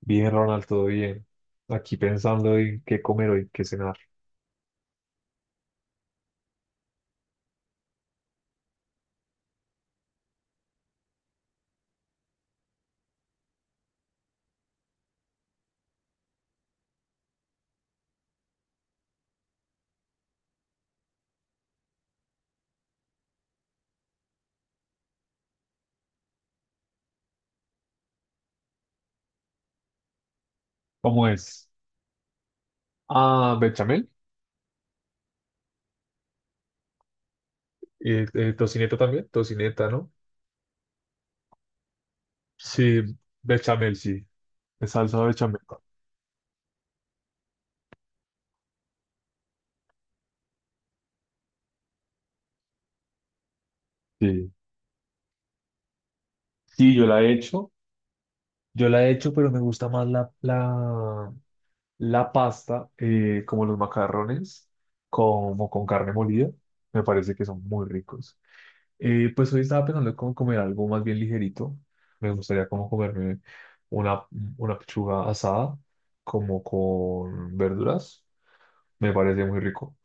Bien, Ronald, todo bien. Aquí pensando en qué comer hoy, qué cenar. ¿Cómo es? Ah, bechamel. Tocineta también, tocineta, ¿no? Sí, bechamel, sí. Es salsa bechamel. Sí. Sí, yo la he hecho. Yo la he hecho, pero me gusta más la pasta, como los macarrones, como con carne molida. Me parece que son muy ricos. Pues hoy estaba pensando en cómo comer algo más bien ligerito. Me gustaría como comerme una, una pechuga asada, como con verduras. Me parece muy rico.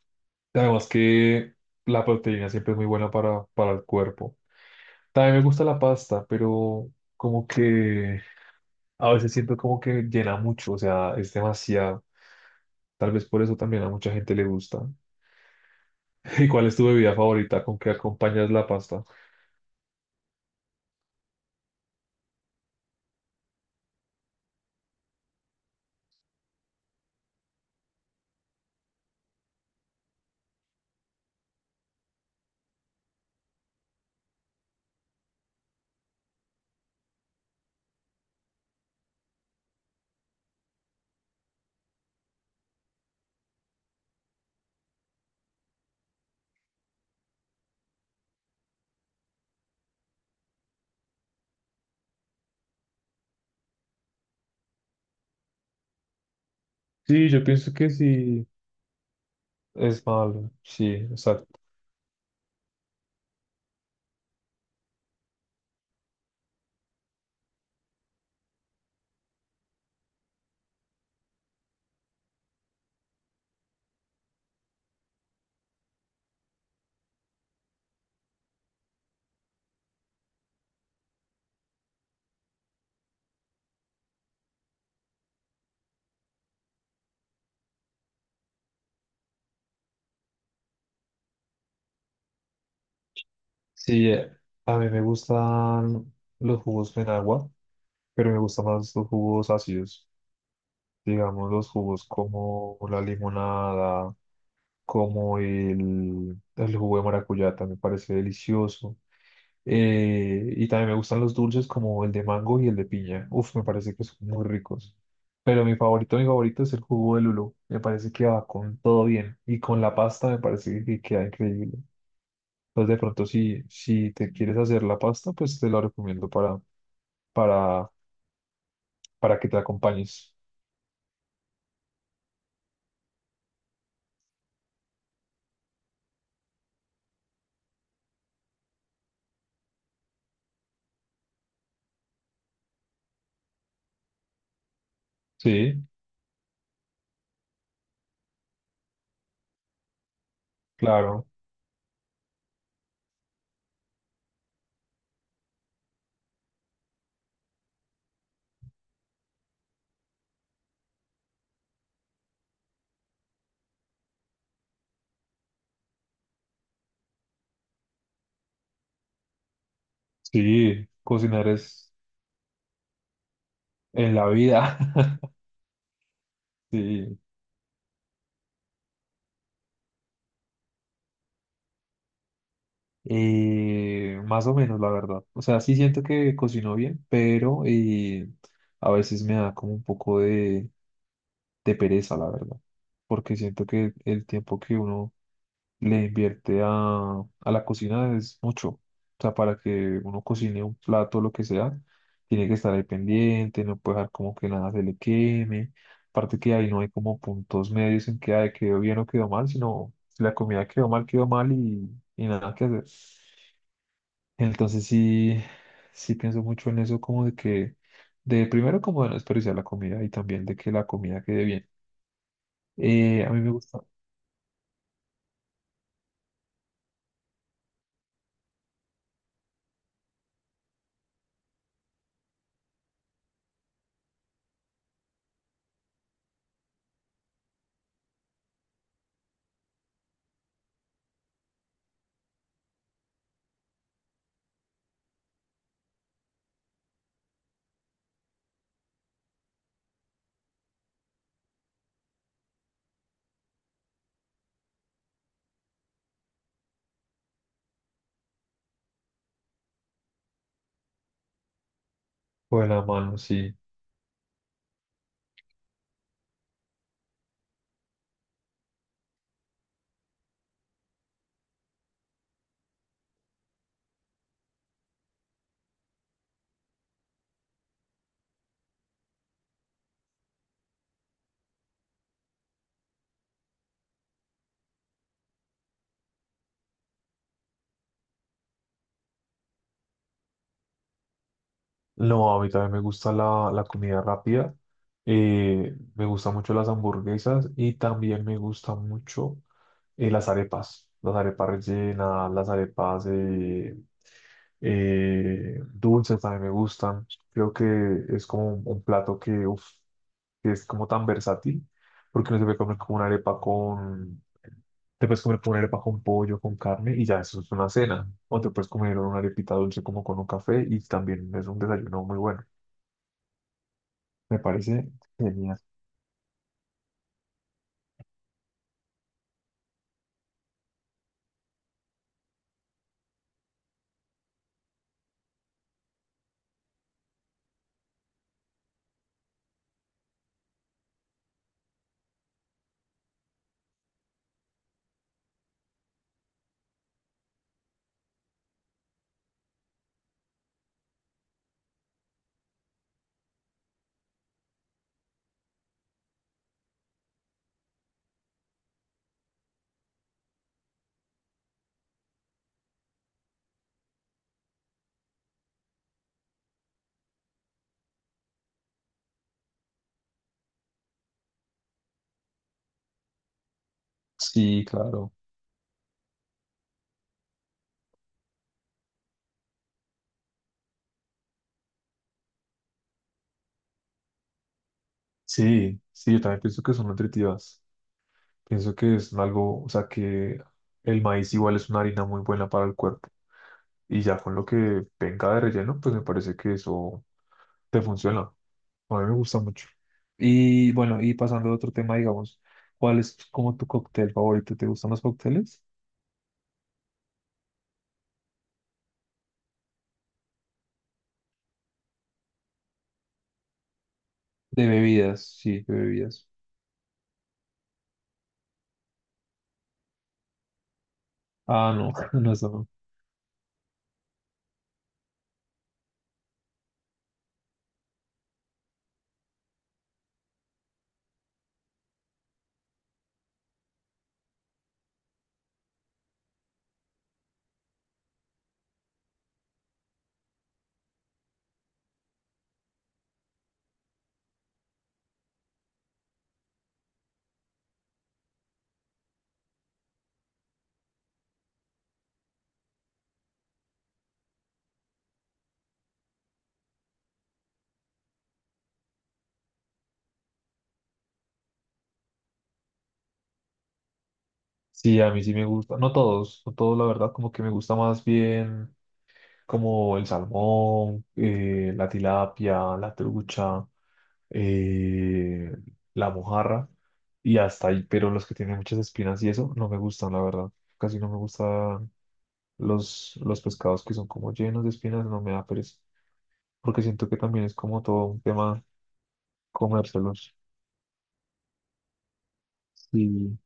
Además que la proteína siempre es muy buena para el cuerpo. También me gusta la pasta, pero como que a veces siento como que llena mucho, o sea, es demasiado. Tal vez por eso también a mucha gente le gusta. ¿Y cuál es tu bebida favorita? ¿Con qué acompañas la pasta? Sí, yo pienso que sí. Es malo, sí, exacto. Sí, a mí me gustan los jugos en agua, pero me gustan más los jugos ácidos. Digamos, los jugos como la limonada, como el jugo de maracuyá, también me parece delicioso. Y también me gustan los dulces como el de mango y el de piña. Uf, me parece que son muy ricos. Pero mi favorito es el jugo de lulo. Me parece que va con todo bien. Y con la pasta me parece que queda increíble. Pues de pronto si, si te quieres hacer la pasta, pues te la recomiendo para, para que te acompañes. Sí, claro. Sí, cocinar es en la vida. Sí. Más o menos, la verdad. O sea, sí siento que cocino bien, pero a veces me da como un poco de pereza, la verdad. Porque siento que el tiempo que uno le invierte a la cocina es mucho. O sea, para que uno cocine un plato lo que sea, tiene que estar ahí pendiente, no puede dejar como que nada se le queme. Aparte que ahí no hay como puntos medios en que ay, quedó bien o quedó mal, sino si la comida quedó mal y nada que hacer. Entonces sí, sí pienso mucho en eso como de que, de primero como de no desperdiciar la comida y también de que la comida quede bien. A mí me gusta. Con la mano, sí. No, a mí también me gusta la comida rápida. Me gustan mucho las hamburguesas y también me gustan mucho las arepas. Las arepas rellenas, las arepas dulces también me gustan. Creo que es como un plato que, uf, que es como tan versátil porque no se puede comer como una arepa con... Te puedes comer como una arepa con pollo, con carne y ya eso es una cena. O te puedes comer una arepita dulce como con un café y también es un desayuno muy bueno. Me parece genial. Sí, claro. Sí, sí, yo también pienso que son nutritivas. Pienso que es algo, o sea, que el maíz igual es una harina muy buena para el cuerpo. Y ya con lo que venga de relleno, pues me parece que eso te funciona. A mí me gusta mucho. Y bueno, y pasando a otro tema, digamos, ¿cuál es como tu cóctel favorito? ¿Te gustan los cócteles? De bebidas, sí, de bebidas. Ah, no, no, eso no. Sí, a mí sí me gusta. No todos, no todos, la verdad, como que me gusta más bien. Como el salmón, la tilapia, la trucha, eh, la mojarra y hasta ahí, pero los que tienen muchas espinas y eso no me gustan, la verdad. Casi no me gustan los pescados que son como llenos de espinas, no me da pereza, porque siento que también es como todo un tema comérselos. Sí,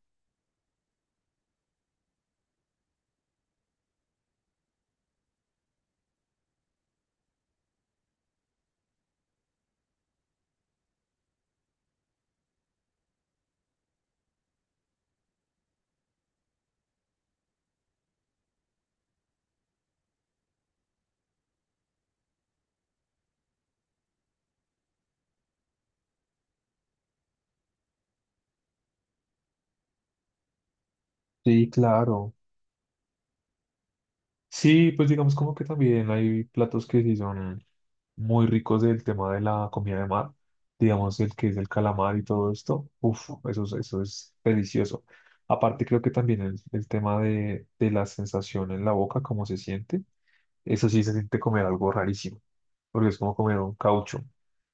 sí, claro. Sí, pues digamos como que también hay platos que sí son muy ricos del tema de la comida de mar, digamos el que es el calamar y todo esto, uff, eso es delicioso. Aparte creo que también el tema de la sensación en la boca, cómo se siente, eso sí se siente comer algo rarísimo, porque es como comer un caucho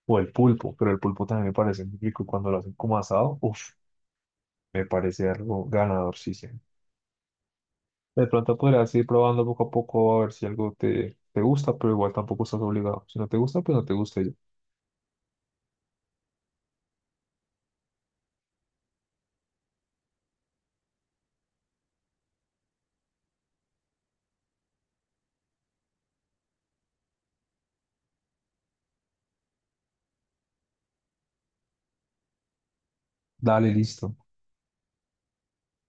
o el pulpo, pero el pulpo también me parece muy rico cuando lo hacen como asado, uff, me parece algo ganador, sí, sí. De pronto podrías ir probando poco a poco a ver si algo te, te gusta, pero igual tampoco estás obligado. Si no te gusta, pues no te gusta y ya. Dale, listo.